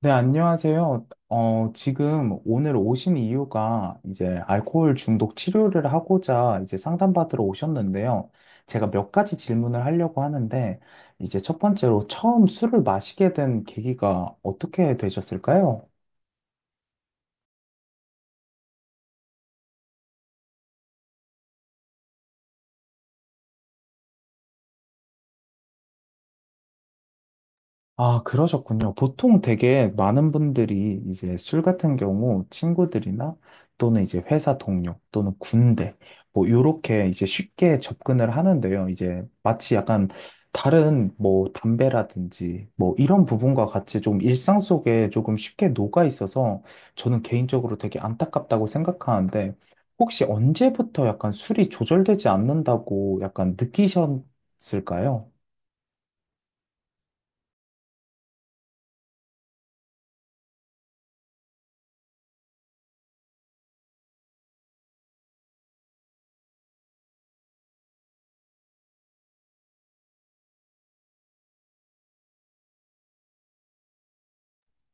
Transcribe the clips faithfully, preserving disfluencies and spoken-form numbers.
네, 안녕하세요. 어, 지금 오늘 오신 이유가 이제 알코올 중독 치료를 하고자 이제 상담받으러 오셨는데요. 제가 몇 가지 질문을 하려고 하는데, 이제 첫 번째로 처음 술을 마시게 된 계기가 어떻게 되셨을까요? 아, 그러셨군요. 보통 되게 많은 분들이 이제 술 같은 경우 친구들이나 또는 이제 회사 동료 또는 군대 뭐 요렇게 이제 쉽게 접근을 하는데요. 이제 마치 약간 다른 뭐 담배라든지 뭐 이런 부분과 같이 좀 일상 속에 조금 쉽게 녹아 있어서 저는 개인적으로 되게 안타깝다고 생각하는데 혹시 언제부터 약간 술이 조절되지 않는다고 약간 느끼셨을까요?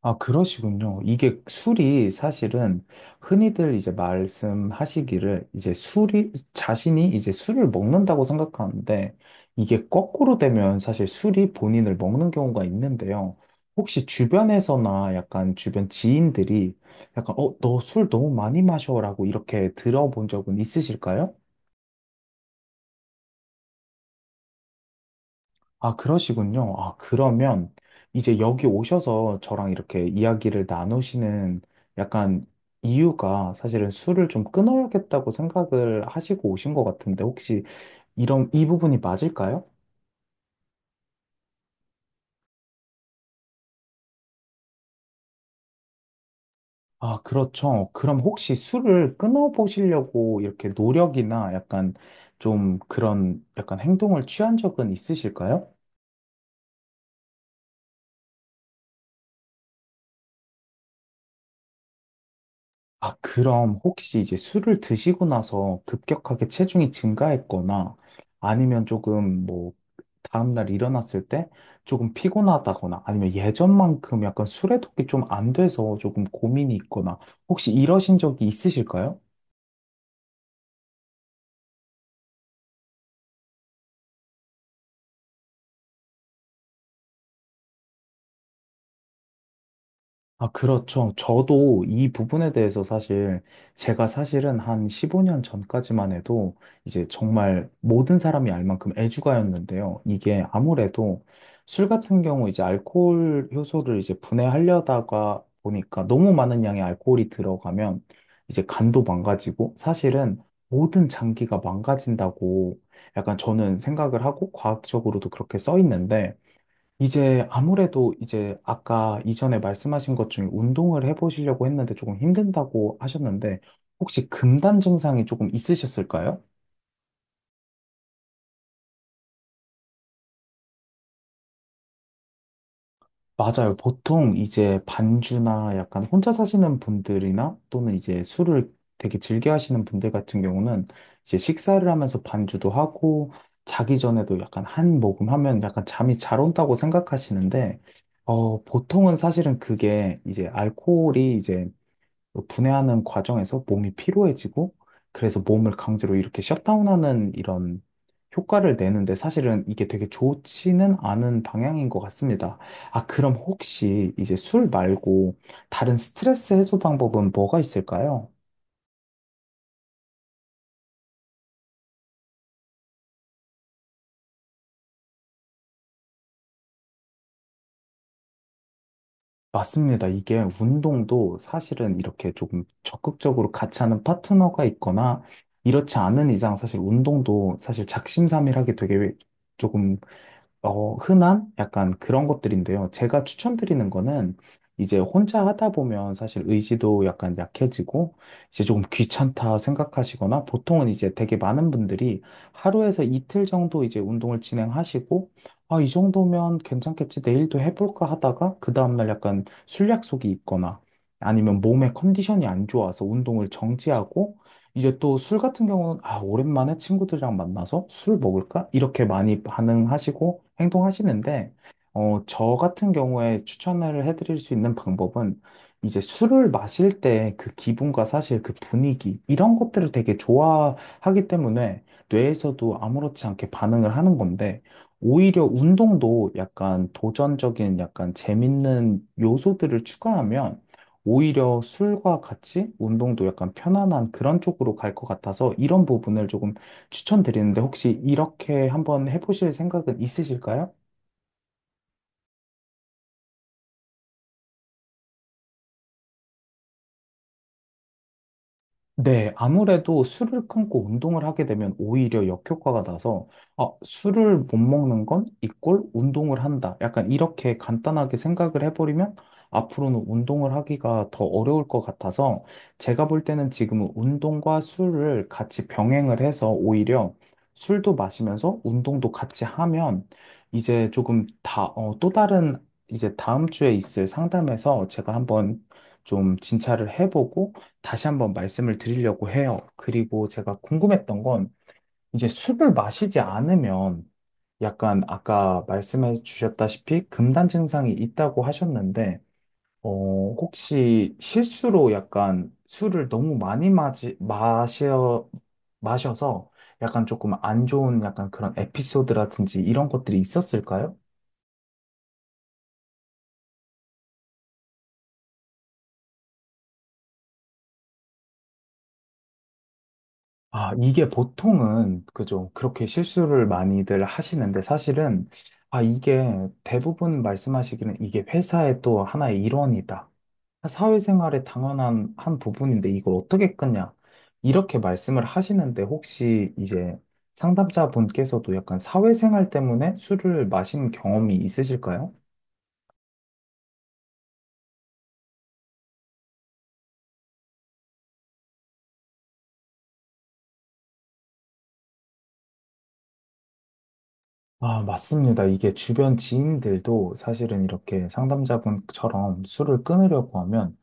아, 그러시군요. 이게 술이 사실은 흔히들 이제 말씀하시기를 이제 술이, 자신이 이제 술을 먹는다고 생각하는데 이게 거꾸로 되면 사실 술이 본인을 먹는 경우가 있는데요. 혹시 주변에서나 약간 주변 지인들이 약간, 어, 너 술 너무 많이 마셔라고 이렇게 들어본 적은 있으실까요? 아, 그러시군요. 아, 그러면 이제 여기 오셔서 저랑 이렇게 이야기를 나누시는 약간 이유가 사실은 술을 좀 끊어야겠다고 생각을 하시고 오신 것 같은데 혹시 이런, 이 부분이 맞을까요? 아, 그렇죠. 그럼 혹시 술을 끊어보시려고 이렇게 노력이나 약간 좀 그런 약간 행동을 취한 적은 있으실까요? 아, 그럼 혹시 이제 술을 드시고 나서 급격하게 체중이 증가했거나 아니면 조금 뭐 다음날 일어났을 때 조금 피곤하다거나 아니면 예전만큼 약간 술에 독이 좀 안 돼서 조금 고민이 있거나 혹시 이러신 적이 있으실까요? 아, 그렇죠. 저도 이 부분에 대해서 사실 제가 사실은 한 십오 년 전까지만 해도 이제 정말 모든 사람이 알 만큼 애주가였는데요. 이게 아무래도 술 같은 경우 이제 알코올 효소를 이제 분해하려다가 보니까 너무 많은 양의 알코올이 들어가면 이제 간도 망가지고 사실은 모든 장기가 망가진다고 약간 저는 생각을 하고 과학적으로도 그렇게 써 있는데 이제 아무래도 이제 아까 이전에 말씀하신 것 중에 운동을 해보시려고 했는데 조금 힘든다고 하셨는데 혹시 금단 증상이 조금 있으셨을까요? 맞아요. 보통 이제 반주나 약간 혼자 사시는 분들이나 또는 이제 술을 되게 즐겨 하시는 분들 같은 경우는 이제 식사를 하면서 반주도 하고 자기 전에도 약간 한 모금 하면 약간 잠이 잘 온다고 생각하시는데 어, 보통은 사실은 그게 이제 알코올이 이제 분해하는 과정에서 몸이 피로해지고 그래서 몸을 강제로 이렇게 셧다운하는 이런 효과를 내는데 사실은 이게 되게 좋지는 않은 방향인 것 같습니다. 아, 그럼 혹시 이제 술 말고 다른 스트레스 해소 방법은 뭐가 있을까요? 맞습니다. 이게 운동도 사실은 이렇게 조금 적극적으로 같이 하는 파트너가 있거나 이렇지 않은 이상 사실 운동도 사실 작심삼일하게 되게 조금 어, 흔한 약간 그런 것들인데요. 제가 추천드리는 거는 이제 혼자 하다 보면 사실 의지도 약간 약해지고 이제 조금 귀찮다 생각하시거나 보통은 이제 되게 많은 분들이 하루에서 이틀 정도 이제 운동을 진행하시고 아, 이 정도면 괜찮겠지. 내일도 해볼까 하다가 그 다음날 약간 술약속이 있거나 아니면 몸의 컨디션이 안 좋아서 운동을 정지하고 이제 또 술 같은 경우는 아, 오랜만에 친구들이랑 만나서 술 먹을까? 이렇게 많이 반응하시고 행동하시는데, 어, 저 같은 경우에 추천을 해드릴 수 있는 방법은 이제 술을 마실 때 그 기분과 사실 그 분위기, 이런 것들을 되게 좋아하기 때문에 뇌에서도 아무렇지 않게 반응을 하는 건데, 오히려 운동도 약간 도전적인 약간 재밌는 요소들을 추가하면 오히려 술과 같이 운동도 약간 편안한 그런 쪽으로 갈 것 같아서 이런 부분을 조금 추천드리는데 혹시 이렇게 한번 해보실 생각은 있으실까요? 네, 아무래도 술을 끊고 운동을 하게 되면 오히려 역효과가 나서, 아, 술을 못 먹는 건 이꼴 운동을 한다. 약간 이렇게 간단하게 생각을 해버리면 앞으로는 운동을 하기가 더 어려울 것 같아서 제가 볼 때는 지금은 운동과 술을 같이 병행을 해서 오히려 술도 마시면서 운동도 같이 하면 이제 조금 다, 어, 또 다른 이제 다음 주에 있을 상담에서 제가 한번 좀 진찰을 해보고 다시 한번 말씀을 드리려고 해요. 그리고 제가 궁금했던 건 이제 술을 마시지 않으면 약간 아까 말씀해 주셨다시피 금단 증상이 있다고 하셨는데 어, 혹시 실수로 약간 술을 너무 많이 마지, 마셔, 마셔서 약간 조금 안 좋은 약간 그런 에피소드라든지 이런 것들이 있었을까요? 아, 이게 보통은, 그죠. 그렇게 실수를 많이들 하시는데 사실은, 아, 이게 대부분 말씀하시기는 이게 회사의 또 하나의 일원이다. 사회생활의 당연한 한 부분인데 이걸 어떻게 끊냐. 이렇게 말씀을 하시는데 혹시 이제 상담자분께서도 약간 사회생활 때문에 술을 마신 경험이 있으실까요? 아, 맞습니다. 이게 주변 지인들도 사실은 이렇게 상담자분처럼 술을 끊으려고 하면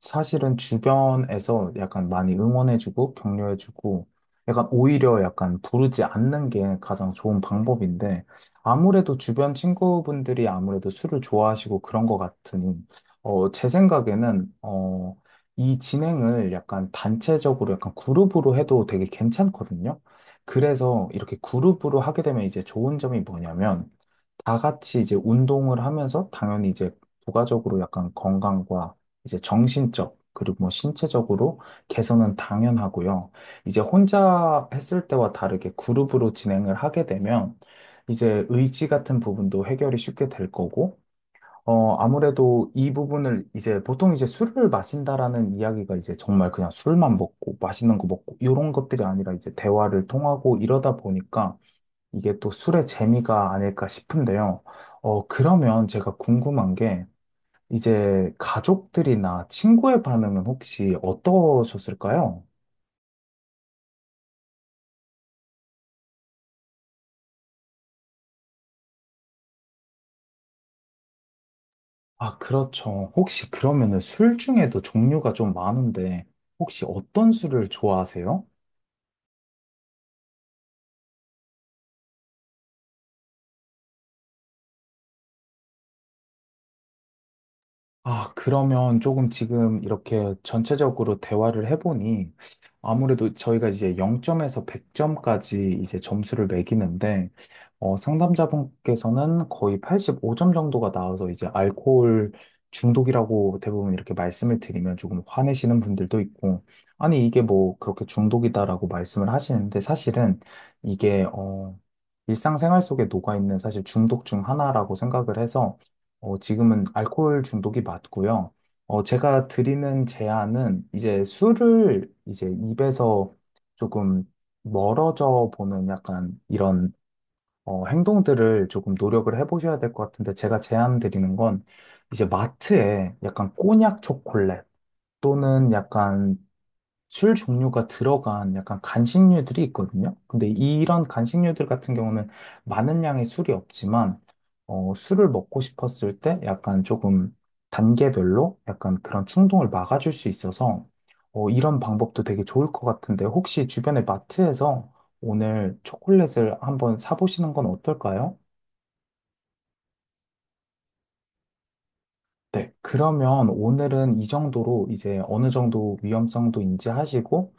사실은 주변에서 약간 많이 응원해주고 격려해주고 약간 오히려 약간 부르지 않는 게 가장 좋은 방법인데 아무래도 주변 친구분들이 아무래도 술을 좋아하시고 그런 것 같으니 어, 제 생각에는 어, 이 진행을 약간 단체적으로 약간 그룹으로 해도 되게 괜찮거든요. 그래서 이렇게 그룹으로 하게 되면 이제 좋은 점이 뭐냐면 다 같이 이제 운동을 하면서 당연히 이제 부가적으로 약간 건강과 이제 정신적 그리고 뭐 신체적으로 개선은 당연하고요. 이제 혼자 했을 때와 다르게 그룹으로 진행을 하게 되면 이제 의지 같은 부분도 해결이 쉽게 될 거고, 어, 아무래도 이 부분을 이제 보통 이제 술을 마신다라는 이야기가 이제 정말 그냥 술만 먹고 맛있는 거 먹고 이런 것들이 아니라 이제 대화를 통하고 이러다 보니까 이게 또 술의 재미가 아닐까 싶은데요. 어, 그러면 제가 궁금한 게 이제 가족들이나 친구의 반응은 혹시 어떠셨을까요? 아, 그렇죠. 혹시 그러면은 술 중에도 종류가 좀 많은데 혹시 어떤 술을 좋아하세요? 아, 그러면 조금 지금 이렇게 전체적으로 대화를 해보니 아무래도 저희가 이제 영 점에서 백 점까지 이제 점수를 매기는데 어, 상담자분께서는 거의 팔십오 점 정도가 나와서 이제 알코올 중독이라고 대부분 이렇게 말씀을 드리면 조금 화내시는 분들도 있고 아니 이게 뭐 그렇게 중독이다라고 말씀을 하시는데 사실은 이게 어, 일상생활 속에 녹아있는 사실 중독 중 하나라고 생각을 해서 어, 지금은 알코올 중독이 맞고요. 어, 제가 드리는 제안은 이제 술을 이제 입에서 조금 멀어져 보는 약간 이런 어, 행동들을 조금 노력을 해보셔야 될 것 같은데 제가 제안 드리는 건 이제 마트에 약간 꼬냑 초콜릿 또는 약간 술 종류가 들어간 약간 간식류들이 있거든요. 근데 이런 간식류들 같은 경우는 많은 양의 술이 없지만, 어, 술을 먹고 싶었을 때 약간 조금 단계별로 약간 그런 충동을 막아줄 수 있어서, 어, 이런 방법도 되게 좋을 것 같은데, 혹시 주변의 마트에서 오늘 초콜릿을 한번 사보시는 건 어떨까요? 네, 그러면 오늘은 이 정도로 이제 어느 정도 위험성도 인지하시고,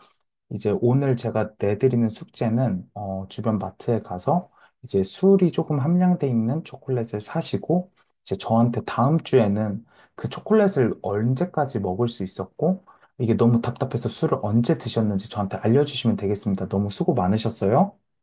이제 오늘 제가 내드리는 숙제는 어, 주변 마트에 가서 이제 술이 조금 함량돼 있는 초콜릿을 사시고 이제 저한테 다음 주에는 그 초콜릿을 언제까지 먹을 수 있었고 이게 너무 답답해서 술을 언제 드셨는지 저한테 알려주시면 되겠습니다. 너무 수고 많으셨어요.